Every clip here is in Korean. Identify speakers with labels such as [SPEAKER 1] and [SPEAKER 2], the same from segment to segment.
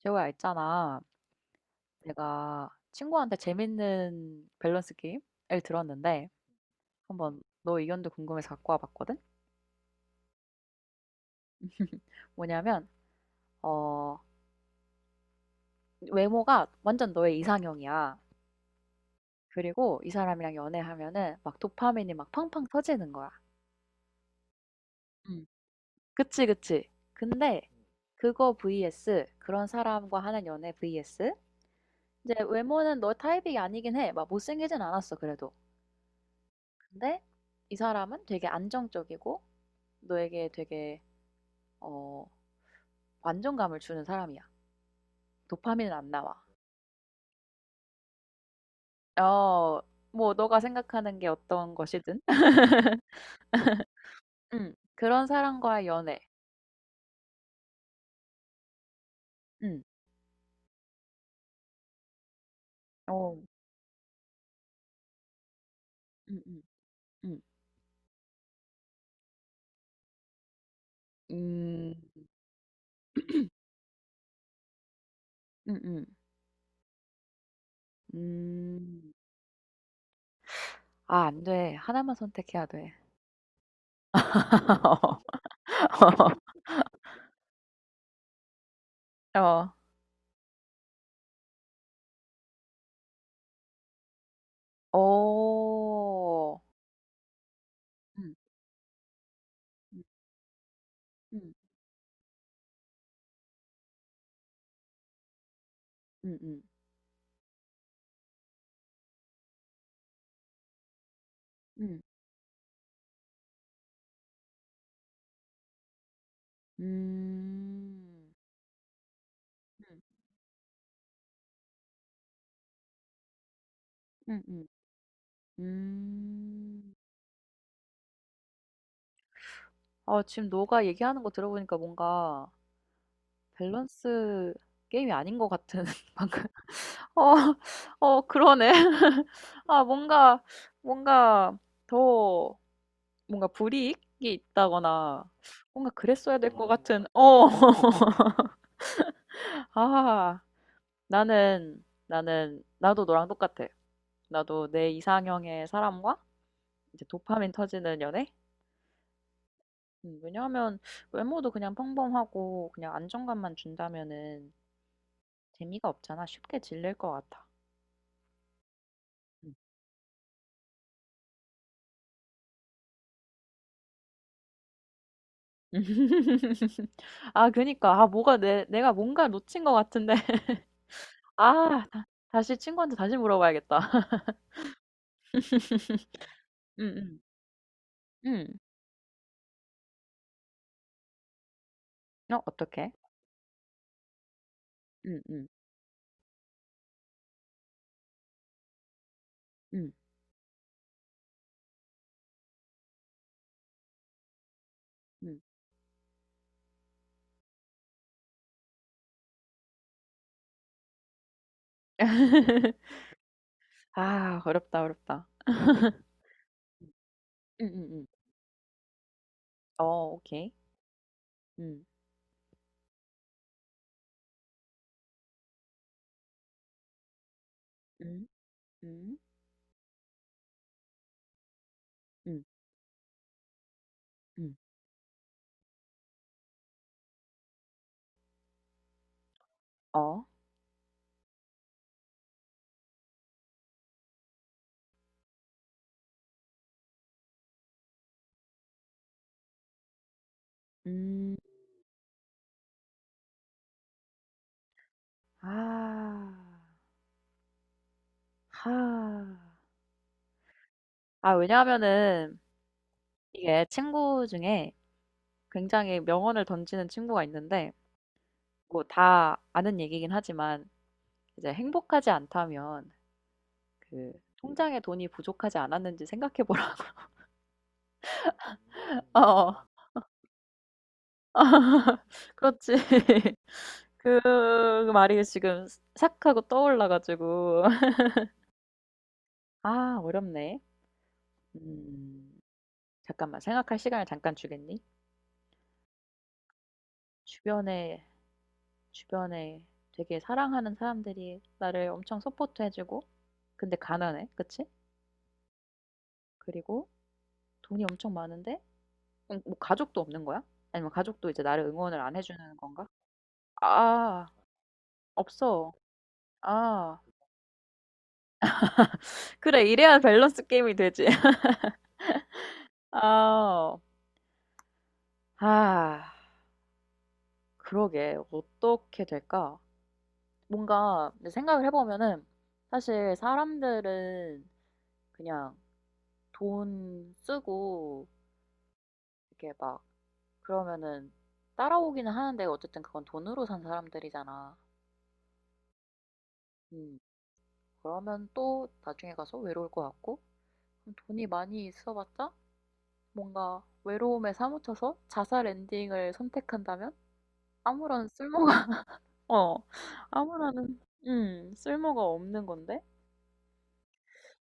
[SPEAKER 1] 재호야, 있잖아. 내가 친구한테 재밌는 밸런스 게임을 들었는데, 한번 너 의견도 궁금해서 갖고 와봤거든? 뭐냐면, 어, 외모가 완전 너의 이상형이야. 그리고 이 사람이랑 연애하면은 막 도파민이 막 팡팡 터지는 거야. 음. 그치, 그치. 근데 그거 vs 그런 사람과 하는 연애 vs 이제 외모는 너 타입이 아니긴 해. 막 못생기진 않았어, 그래도. 근데 이 사람은 되게 안정적이고 너에게 되게 어 완전감을 주는 사람이야. 도파민은 안 나와. 어 뭐 너가 생각하는 게 어떤 것이든 그런 사람과의 연애. 음. 어. 음음. 음. 음. 음음. 음. 음. 음. 아안 돼. 하나만 선택해야 돼. 어. 어. 음. 음. 음. 음 음. 음. 음. 음. 음. 음. 음. 아 지금 너가 얘기하는 거 들어보니까 뭔가 밸런스 게임이 아닌 것 같은. 방금 어, 그러네. 아 뭔가 뭔가 더 뭔가 불이익이 있다거나 뭔가 그랬어야 될 것, 같은. 어. 아 나는 나는 나도 너랑 똑같아. 나도 내 이상형의 사람과 이제 도파민 터지는 연애? 왜냐하면 외모도 그냥 평범하고 그냥 안정감만 준다면은 재미가 없잖아. 쉽게 질릴 것 같아. 아 그니까. 아 뭐가 내 내가 뭔가 놓친 것 같은데. 아 다 다시 친구한테 다시 물어봐야겠다. 응, 응, 어 어떡해? 응, 응, 응, 응. 아 어렵다, 어렵다. 응, 응, 응. 어 오케이. 음. 음. 음. 음. 음. 어. 음. 아. 하. 아 왜냐하면은 이게 친구 중에 굉장히 명언을 던지는 친구가 있는데 뭐 다 아는 얘기긴 하지만 이제 행복하지 않다면 그 통장에 돈이 부족하지 않았는지 생각해 보라고. 어, 그렇지. 그 말이 지금 싹 하고 떠올라가지고. 아, 어렵네. 음, 잠깐만. 생각할 시간을 잠깐 주겠니? 주변에, 주변에 되게 사랑하는 사람들이 나를 엄청 서포트해주고, 근데 가난해. 그치? 그리고 돈이 엄청 많은데, 뭐 가족도 없는 거야? 아니면 가족도 이제 나를 응원을 안 해주는 건가? 아, 없어. 아. 그래. 이래야 밸런스 게임이 되지. 아. 아. 그러게. 어떻게 될까? 뭔가 생각을 해보면은 사실 사람들은 그냥 돈 쓰고 이렇게 막 그러면은 따라오기는 하는데 어쨌든 그건 돈으로 산 사람들이잖아. 음. 그러면 또 나중에 가서 외로울 것 같고 그럼 돈이 많이 있어봤자 뭔가 외로움에 사무쳐서 자살 엔딩을 선택한다면 아무런 쓸모. 어, 아무런, 쓸모가 없는 건데?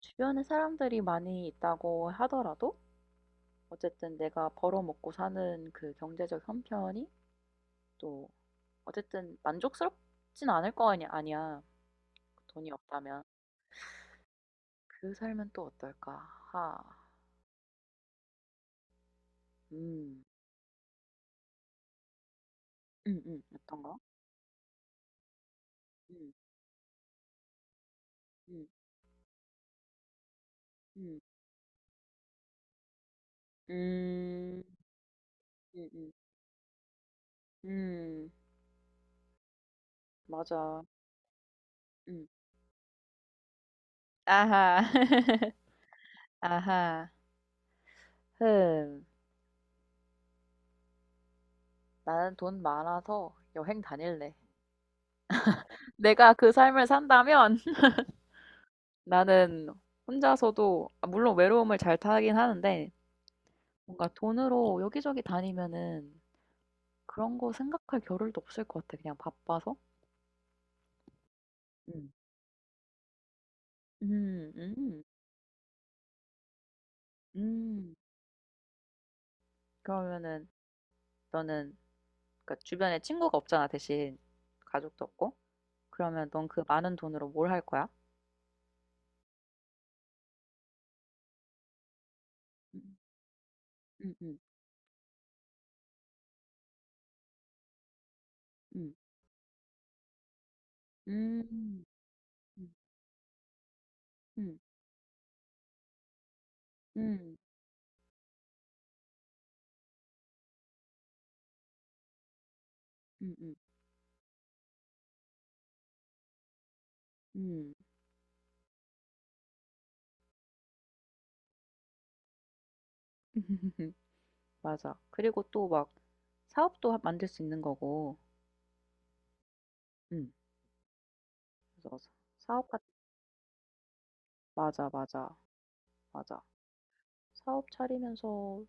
[SPEAKER 1] 주변에 사람들이 많이 있다고 하더라도, 어쨌든 내가 벌어먹고 사는 그 경제적 형편이 또, 어쨌든 만족스럽진 않을 거 아니, 아니야. 돈이 없다면. 그 삶은 또 어떨까? 하, 음, 어떤가? 음, 음, 음, 음, 음, 음, 음, 맞아. 음, 아하, 아하, 흠. 나는 돈 많아서 여행 다닐래. 내가 그 삶을 산다면. 나는 혼자서도, 아, 물론 외로움을 잘 타긴 하는데, 뭔가 돈으로 여기저기 다니면은 그런 거 생각할 겨를도 없을 것 같아. 그냥 바빠서. 음, 음, 음, 음. 그러면은 너는 그러니까 주변에 친구가 없잖아, 대신 가족도 없고. 그러면 넌 그 많은 돈으로 뭘 할 거야? 음, 음, 음, 음, 음, 음, 음, 음, 음, 음. 음. 맞아. 그리고 또 막 사업도 만들 수 있는 거고. 응. 그래서 사업 같. 맞아, 맞아, 맞아. 사업 차리면서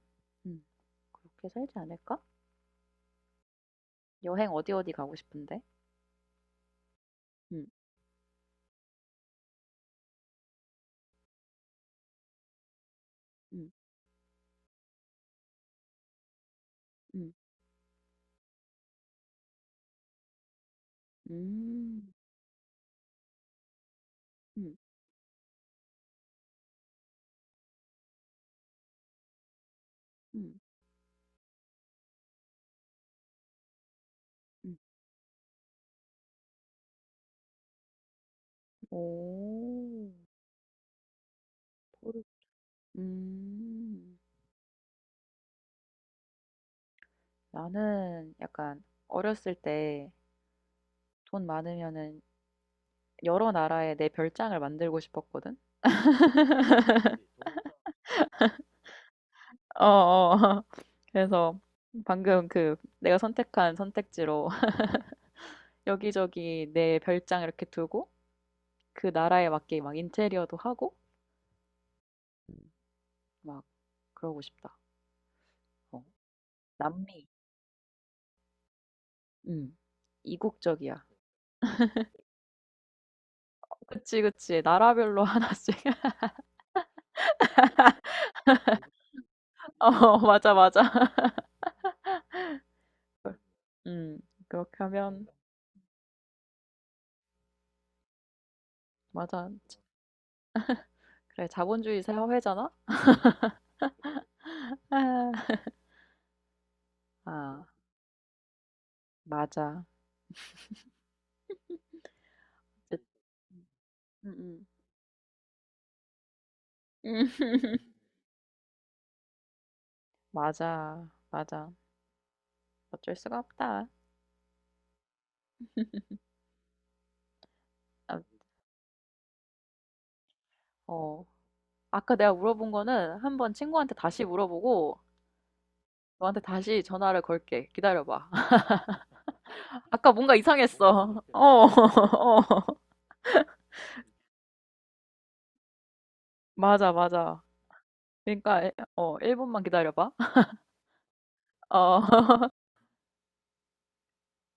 [SPEAKER 1] 응. 그렇게 살지 않을까? 여행 어디 어디 가고 싶은데? 응, 응, 응, 음, 응, 응, 응. 오, 포르. 음, 나는 약간 어렸을 때 돈 많으면은 여러 나라에 내 별장을 만들고 싶었거든. 어, 어. 그래서 방금 그 내가 선택한 선택지로 여기저기 내 별장 이렇게 두고 그 나라에 맞게 막 인테리어도 하고 막 그러고 싶다. 어. 남미. 음. 이국적이야. 그치, 그치. 나라별로 하나씩. 어, 맞아, 맞아. 음. 그렇게 하면 맞아. 그래, 자본주의 사회잖아? 아, 아, 맞아. 음, 음. 음. 맞아, 맞아. 어쩔 수가 없다. 어, 아까 내가 물어본 거는 한번 친구한테 다시 물어보고 너한테 다시 전화를 걸게. 기다려봐. 아까 뭔가 이상했어. 어, 어, 맞아, 맞아. 그러니까, 1분만 기다려봐. 어.